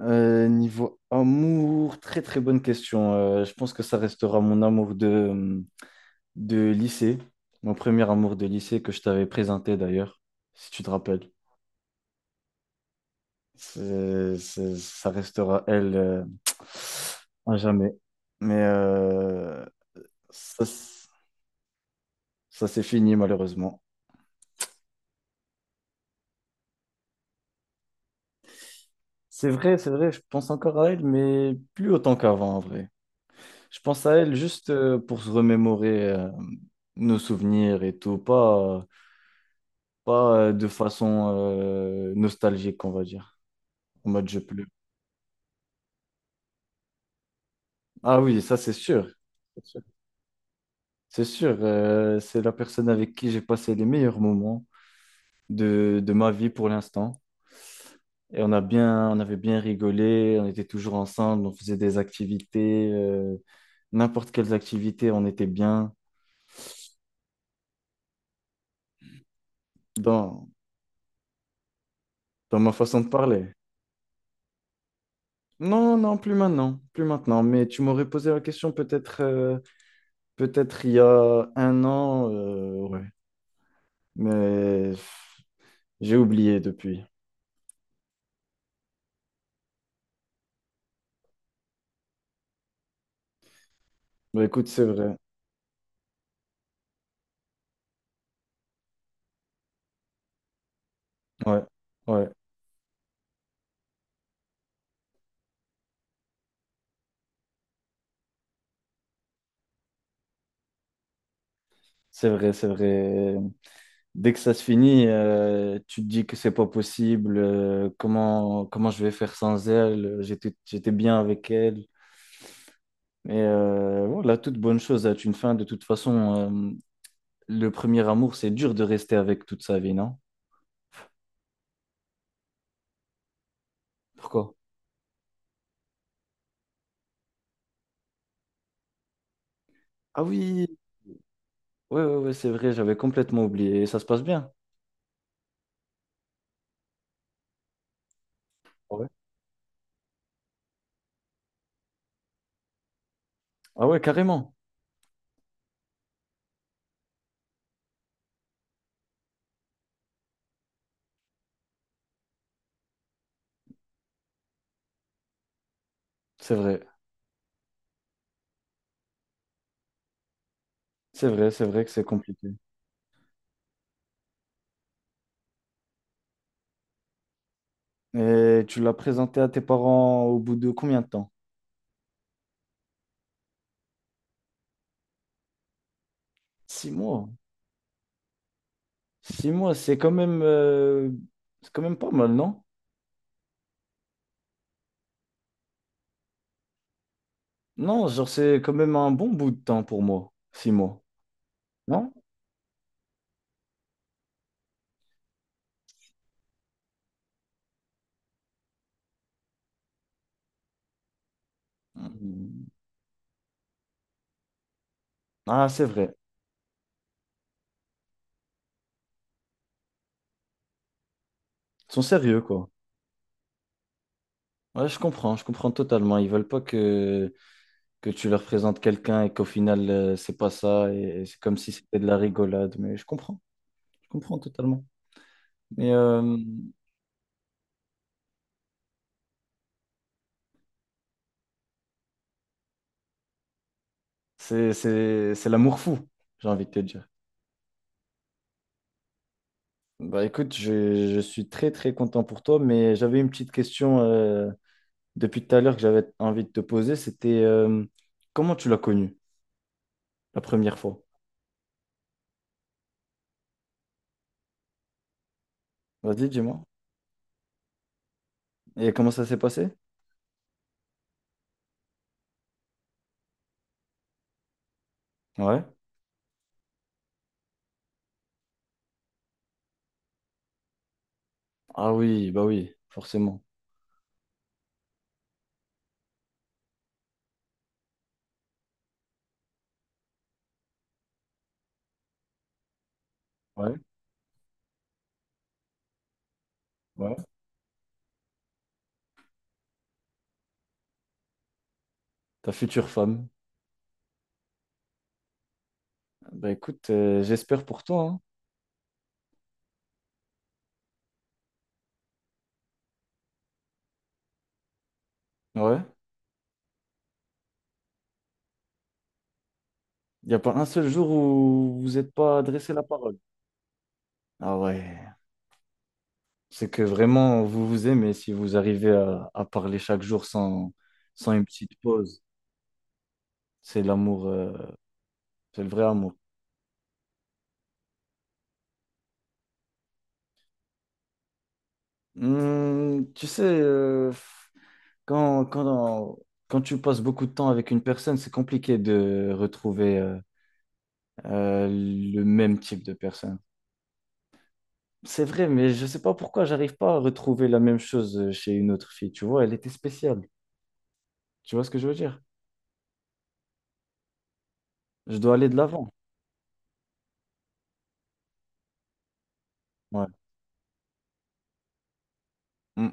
Niveau amour, très très bonne question. Je pense que ça restera mon amour de lycée, mon premier amour de lycée que je t'avais présenté d'ailleurs, si tu te rappelles. Ça restera elle à jamais. Mais euh, ça, s- Ça s'est fini malheureusement. C'est vrai, je pense encore à elle, mais plus autant qu'avant en vrai. Je pense à elle juste pour se remémorer nos souvenirs et tout, pas. Pas de façon nostalgique, on va dire. En mode je pleure. Ah oui, ça c'est sûr. C'est sûr. C'est sûr, c'est la personne avec qui j'ai passé les meilleurs moments de ma vie pour l'instant. Et on avait bien rigolé, on était toujours ensemble, on faisait des activités, n'importe quelles activités, on était bien dans, dans ma façon de parler. Non, non, plus maintenant, plus maintenant. Mais tu m'aurais posé la question peut-être peut-être il y a un an. Ouais, mais j'ai oublié depuis. Bah, écoute, c'est vrai. Ouais, ouais, c'est vrai, c'est vrai. Dès que ça se finit, tu te dis que c'est pas possible. Comment je vais faire sans elle? J'étais bien avec elle. Et voilà, toute bonne chose a une fin. De toute façon, le premier amour, c'est dur de rester avec toute sa vie, non? Pourquoi? Ah oui, ouais, ouais, ouais, c'est vrai, j'avais complètement oublié. Et ça se passe bien. Ouais. Ah ouais, carrément. C'est vrai. C'est vrai, c'est vrai que c'est compliqué. Et tu l'as présenté à tes parents au bout de combien de temps? Six mois. Six mois, c'est quand même pas mal, non? Non, genre c'est quand même un bon bout de temps pour moi. Six mois, non? Mm. Ah, c'est vrai. Ils sont sérieux, quoi. Ouais, je comprends totalement. Ils veulent pas que, que tu leur présentes quelqu'un et qu'au final, c'est pas ça. Et c'est comme si c'était de la rigolade. Mais je comprends totalement. Mais euh, c'est, c'est l'amour fou, j'ai envie de te dire. Bah écoute, je suis très très content pour toi, mais j'avais une petite question depuis tout à l'heure que j'avais envie de te poser, c'était comment tu l'as connu la première fois? Vas-y, dis-moi. Et comment ça s'est passé? Ouais. Ah oui, bah oui, forcément. Ouais, ouais. Ta future femme. Bah écoute, j'espère pour toi, hein. Ouais. Il n'y a pas un seul jour où vous n'êtes pas adressé la parole. Ah ouais. C'est que vraiment, vous vous aimez si vous arrivez à parler chaque jour sans, sans une petite pause. C'est l'amour, euh, c'est le vrai amour. Hmm, tu sais, quand, quand, quand tu passes beaucoup de temps avec une personne, c'est compliqué de retrouver le même type de personne. C'est vrai, mais je sais pas pourquoi j'arrive pas à retrouver la même chose chez une autre fille. Tu vois, elle était spéciale. Tu vois ce que je veux dire? Je dois aller de l'avant. Ouais. Hmm.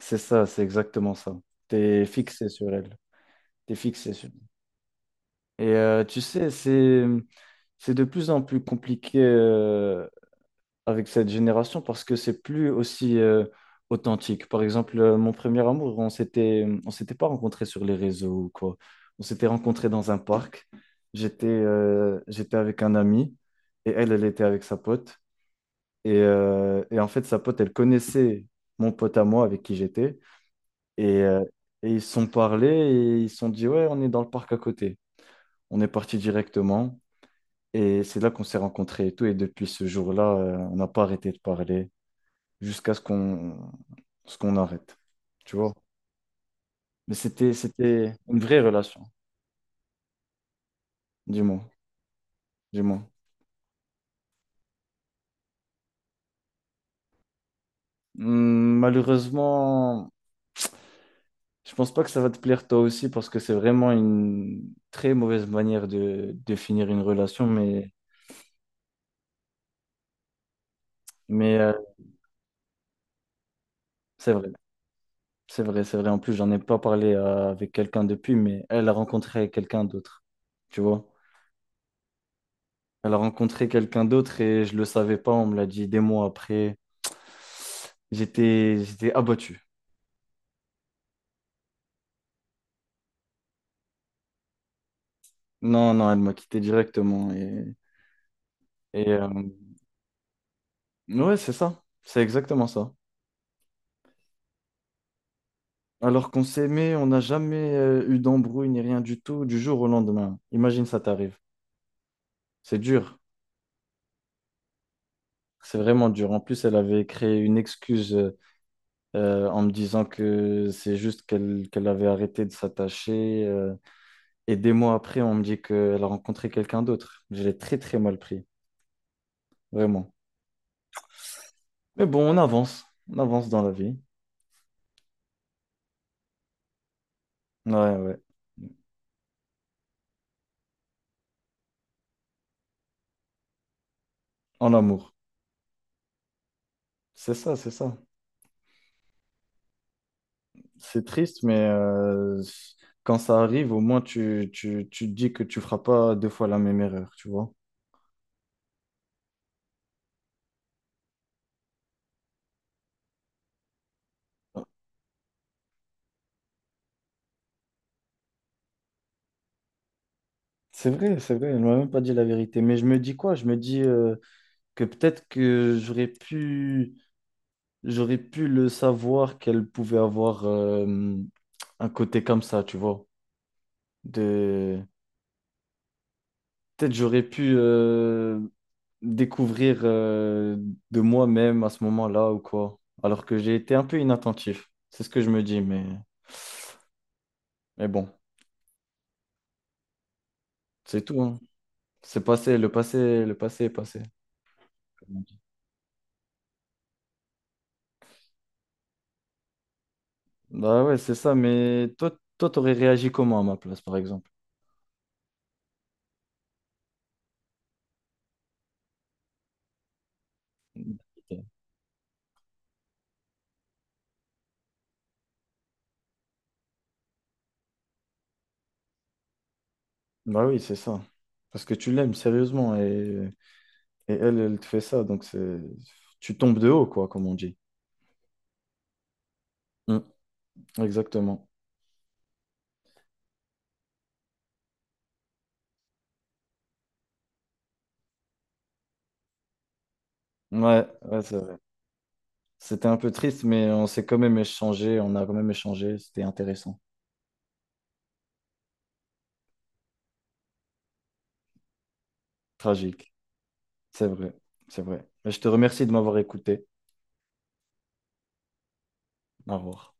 C'est ça, c'est exactement ça. T'es fixé sur elle. T'es fixé sur. Et tu sais, c'est de plus en plus compliqué. Avec cette génération parce que c'est plus aussi authentique. Par exemple, mon premier amour, on s'était pas rencontrés sur les réseaux ou quoi. On s'était rencontrés dans un parc. J'étais avec un ami et elle, elle était avec sa pote. Et en fait, sa pote, elle connaissait mon pote à moi avec qui j'étais. Et, euh, et ils se sont parlé et ils se sont dit, ouais, on est dans le parc à côté. On est parti directement. Et c'est là qu'on s'est rencontrés et tout. Et depuis ce jour-là, on n'a pas arrêté de parler jusqu'à ce qu'on arrête. Tu vois? Mais c'était une vraie relation, du moins, du moins. Malheureusement, je pense pas que ça va te plaire toi aussi parce que c'est vraiment une très mauvaise manière de finir une relation, mais, mais euh, c'est vrai, c'est vrai, c'est vrai. En plus, j'en ai pas parlé avec quelqu'un depuis, mais elle a rencontré quelqu'un d'autre, tu vois. Elle a rencontré quelqu'un d'autre et je le savais pas, on me l'a dit des mois après. J'étais abattu. Non, non, elle m'a quitté directement. Et, ouais, c'est ça. C'est exactement ça. Alors qu'on s'aimait, on n'a jamais eu d'embrouille ni rien du tout du jour au lendemain. Imagine ça t'arrive. C'est dur. C'est vraiment dur. En plus, elle avait créé une excuse en me disant que c'est juste qu'elle avait arrêté de s'attacher. Et des mois après, on me dit qu'elle a rencontré quelqu'un d'autre. Je l'ai très, très mal pris. Vraiment. Mais bon, on avance. On avance dans la vie. Ouais, ouais. En amour. C'est ça, c'est ça. C'est triste, mais quand ça arrive, au moins tu te dis que tu feras pas deux fois la même erreur, tu vois. C'est vrai, elle m'a même pas dit la vérité. Mais je me dis quoi? Je me dis que peut-être j'aurais pu le savoir qu'elle pouvait avoir un côté comme ça, tu vois. De... Peut-être j'aurais pu découvrir de moi-même à ce moment-là ou quoi. Alors que j'ai été un peu inattentif. C'est ce que je me dis, mais... Mais bon, c'est tout, hein. C'est passé, le passé est passé. Comme on dit. Bah ouais, c'est ça, mais toi, t'aurais réagi comment à ma place, par exemple? Bah oui, c'est ça. Parce que tu l'aimes sérieusement et elle, elle te fait ça, donc c'est tu tombes de haut, quoi, comme on dit. Mm, exactement. Ouais, ouais, c'est vrai. C'était un peu triste, mais on a quand même échangé, c'était intéressant. Tragique, c'est vrai, c'est vrai. Mais je te remercie de m'avoir écouté. Au revoir.